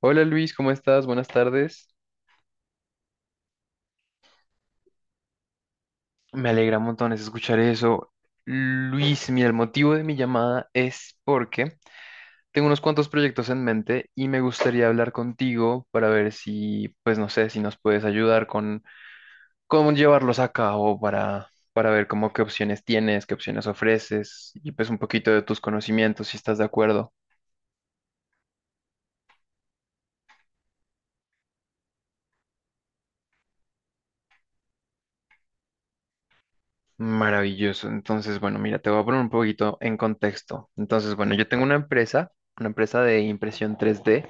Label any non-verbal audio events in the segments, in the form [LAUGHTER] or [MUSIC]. Hola Luis, ¿cómo estás? Buenas tardes. Me alegra montones escuchar eso. Luis, mira, el motivo de mi llamada es porque tengo unos cuantos proyectos en mente y me gustaría hablar contigo para ver si, pues no sé, si nos puedes ayudar con cómo llevarlos a cabo para ver cómo qué opciones tienes, qué opciones ofreces y pues un poquito de tus conocimientos, si estás de acuerdo. Maravilloso. Entonces, bueno, mira, te voy a poner un poquito en contexto. Entonces, bueno, yo tengo una empresa de impresión 3D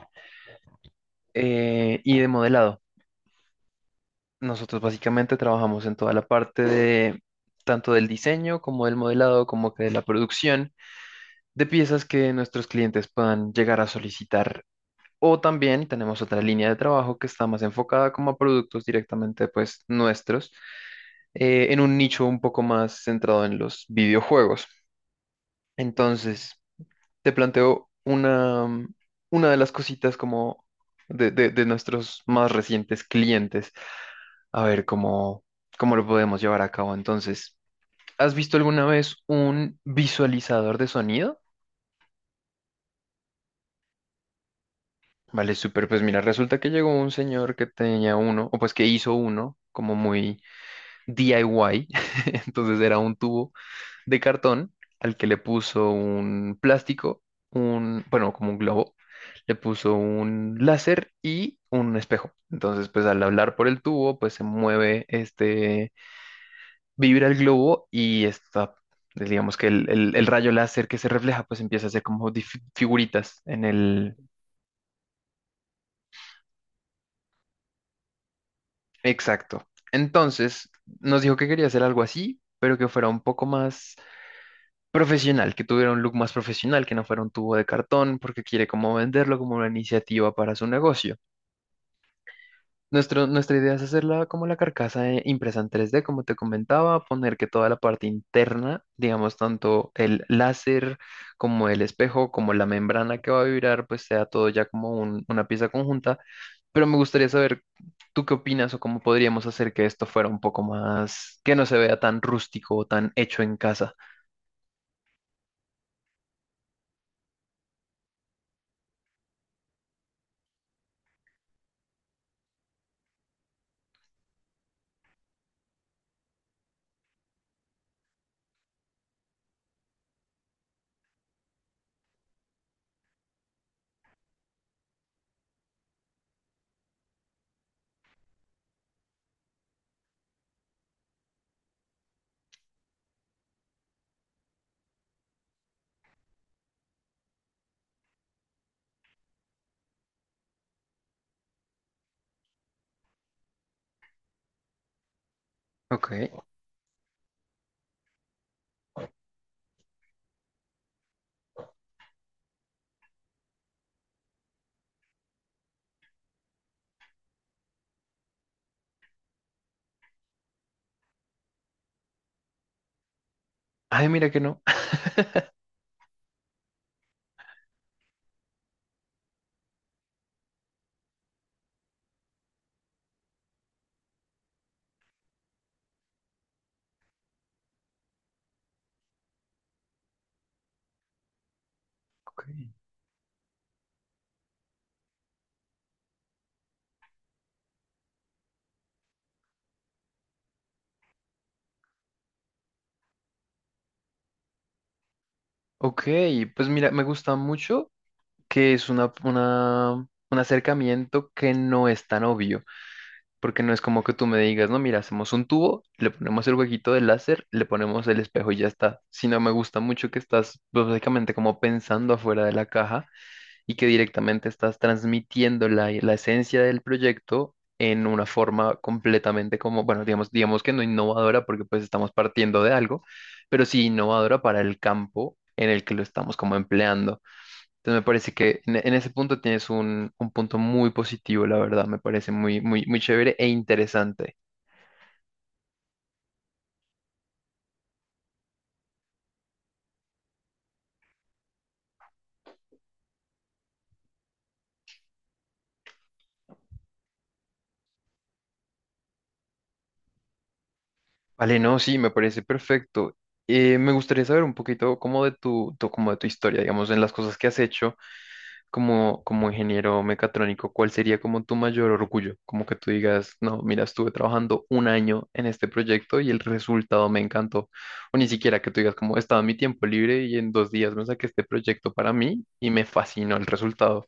y de modelado. Nosotros básicamente trabajamos en toda la parte de tanto del diseño como del modelado, como que de la producción de piezas que nuestros clientes puedan llegar a solicitar. O también tenemos otra línea de trabajo que está más enfocada como a productos directamente pues nuestros, en un nicho un poco más centrado en los videojuegos. Entonces, te planteo una de las cositas como de nuestros más recientes clientes. A ver cómo, cómo lo podemos llevar a cabo entonces. ¿Has visto alguna vez un visualizador de sonido? Vale, súper. Pues mira, resulta que llegó un señor que tenía uno, o pues que hizo uno, como muy DIY. [LAUGHS] Entonces era un tubo de cartón al que le puso un plástico, un, bueno, como un globo, le puso un láser y un espejo. Entonces, pues al hablar por el tubo, pues se mueve este vibra el globo y está, pues, digamos que el rayo láser que se refleja, pues empieza a hacer como figuritas en el... Exacto. Entonces, nos dijo que quería hacer algo así, pero que fuera un poco más profesional, que tuviera un look más profesional, que no fuera un tubo de cartón, porque quiere como venderlo como una iniciativa para su negocio. Nuestra idea es hacerla como la carcasa impresa en 3D, como te comentaba, poner que toda la parte interna, digamos, tanto el láser como el espejo, como la membrana que va a vibrar, pues sea todo ya como una pieza conjunta. Pero me gustaría saber, ¿tú qué opinas o cómo podríamos hacer que esto fuera un poco más, que no se vea tan rústico o tan hecho en casa? Ok. Ay, mira que no. Ok, ok, pues mira, me gusta mucho. Que es una, un acercamiento que no es tan obvio, porque no es como que tú me digas, no, mira, hacemos un tubo, le ponemos el huequito del láser, le ponemos el espejo y ya está. Si no me gusta mucho que estás pues, básicamente como pensando afuera de la caja y que directamente estás transmitiendo la esencia del proyecto, en una forma completamente como, bueno, digamos que no innovadora porque pues estamos partiendo de algo, pero sí innovadora para el campo en el que lo estamos como empleando. Entonces me parece que en ese punto tienes un punto muy positivo, la verdad. Me parece muy, muy, muy chévere e interesante. Vale, no, sí, me parece perfecto. Me gustaría saber un poquito como de tu, como de tu historia, digamos, en las cosas que has hecho como, como ingeniero mecatrónico, ¿cuál sería como tu mayor orgullo? Como que tú digas, no, mira, estuve trabajando un año en este proyecto y el resultado me encantó. O ni siquiera que tú digas, como estaba en mi tiempo libre y en 2 días me saqué este proyecto para mí y me fascinó el resultado.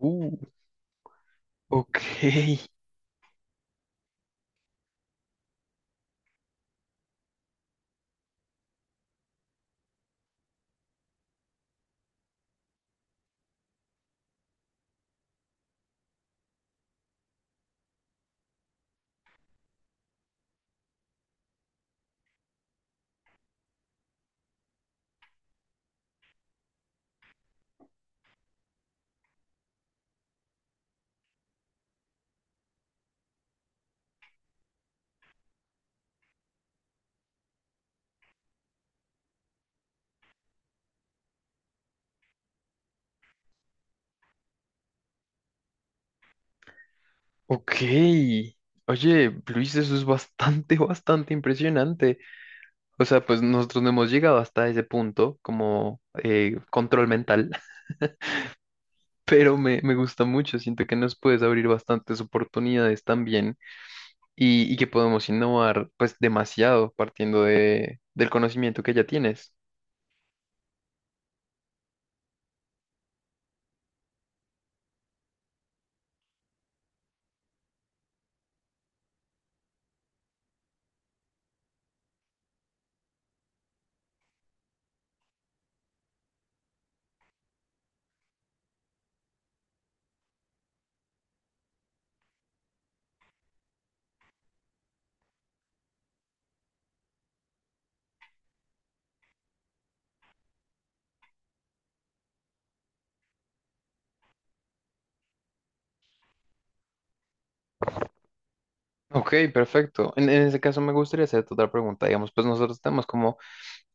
Uh. Ok, ok. Oye, Luis, eso es bastante, [LAUGHS] bastante impresionante. O sea, pues nosotros no hemos llegado hasta ese punto como control mental, [LAUGHS] pero me gusta mucho. Siento que nos puedes abrir bastantes oportunidades también y que podemos innovar pues demasiado partiendo de, del conocimiento que ya tienes. Ok, perfecto. En ese caso me gustaría hacerte otra pregunta. Digamos, pues nosotros tenemos como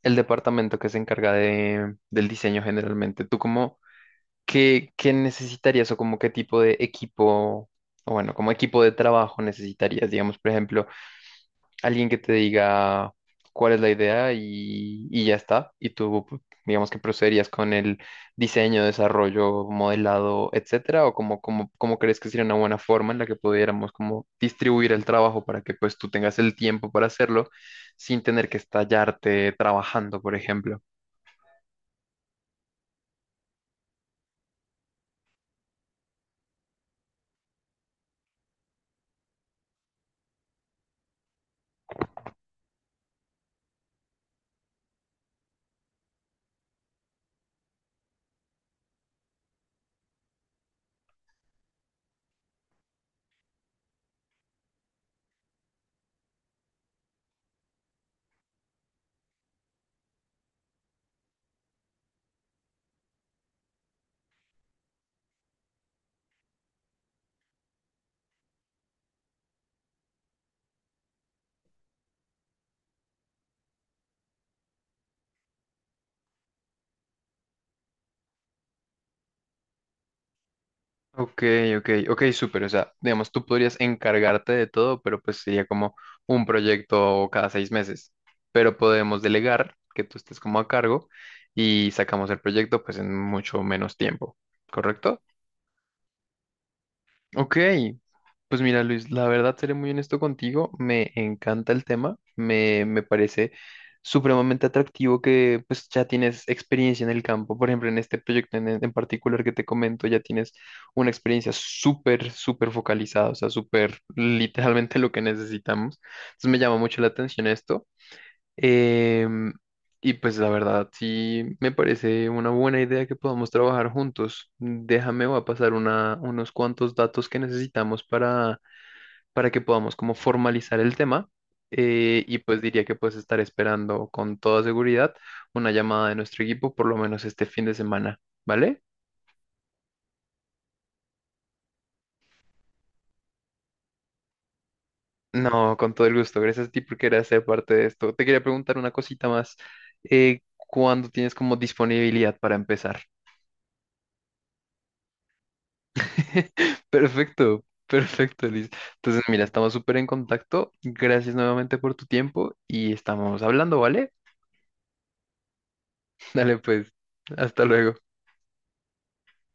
el departamento que se encarga de, del diseño generalmente. ¿Tú cómo... ¿Qué, qué necesitarías o como qué tipo de equipo, o bueno, como equipo de trabajo necesitarías? Digamos, por ejemplo, alguien que te diga cuál es la idea y ya está, y tú, digamos que procederías con el diseño, desarrollo, modelado, etcétera, o como, como, cómo crees que sería una buena forma en la que pudiéramos como distribuir el trabajo para que pues tú tengas el tiempo para hacerlo sin tener que estallarte trabajando, por ejemplo. Ok, ok, ok, súper. O sea, digamos, tú podrías encargarte de todo, pero pues sería como un proyecto cada 6 meses. Pero podemos delegar que tú estés como a cargo y sacamos el proyecto pues en mucho menos tiempo, ¿correcto? Ok, pues mira Luis, la verdad seré muy honesto contigo, me encanta el tema, me parece supremamente atractivo que pues ya tienes experiencia en el campo, por ejemplo en este proyecto en particular que te comento ya tienes una experiencia súper, súper focalizada, o sea, súper literalmente lo que necesitamos, entonces me llama mucho la atención esto. Em, y pues la verdad, sí me parece una buena idea que podamos trabajar juntos. Déjame, voy a pasar una, unos cuantos datos que necesitamos para que podamos como formalizar el tema. Y pues diría que pues estar esperando con toda seguridad una llamada de nuestro equipo por lo menos este fin de semana, ¿vale? No, con todo el gusto. Gracias a ti por querer ser parte de esto. Te quería preguntar una cosita más. ¿Cuándo tienes como disponibilidad para empezar? [LAUGHS] Perfecto, perfecto, Liz. Entonces, mira, estamos súper en contacto. Gracias nuevamente por tu tiempo y estamos hablando, ¿vale? [LAUGHS] Dale, pues, hasta luego.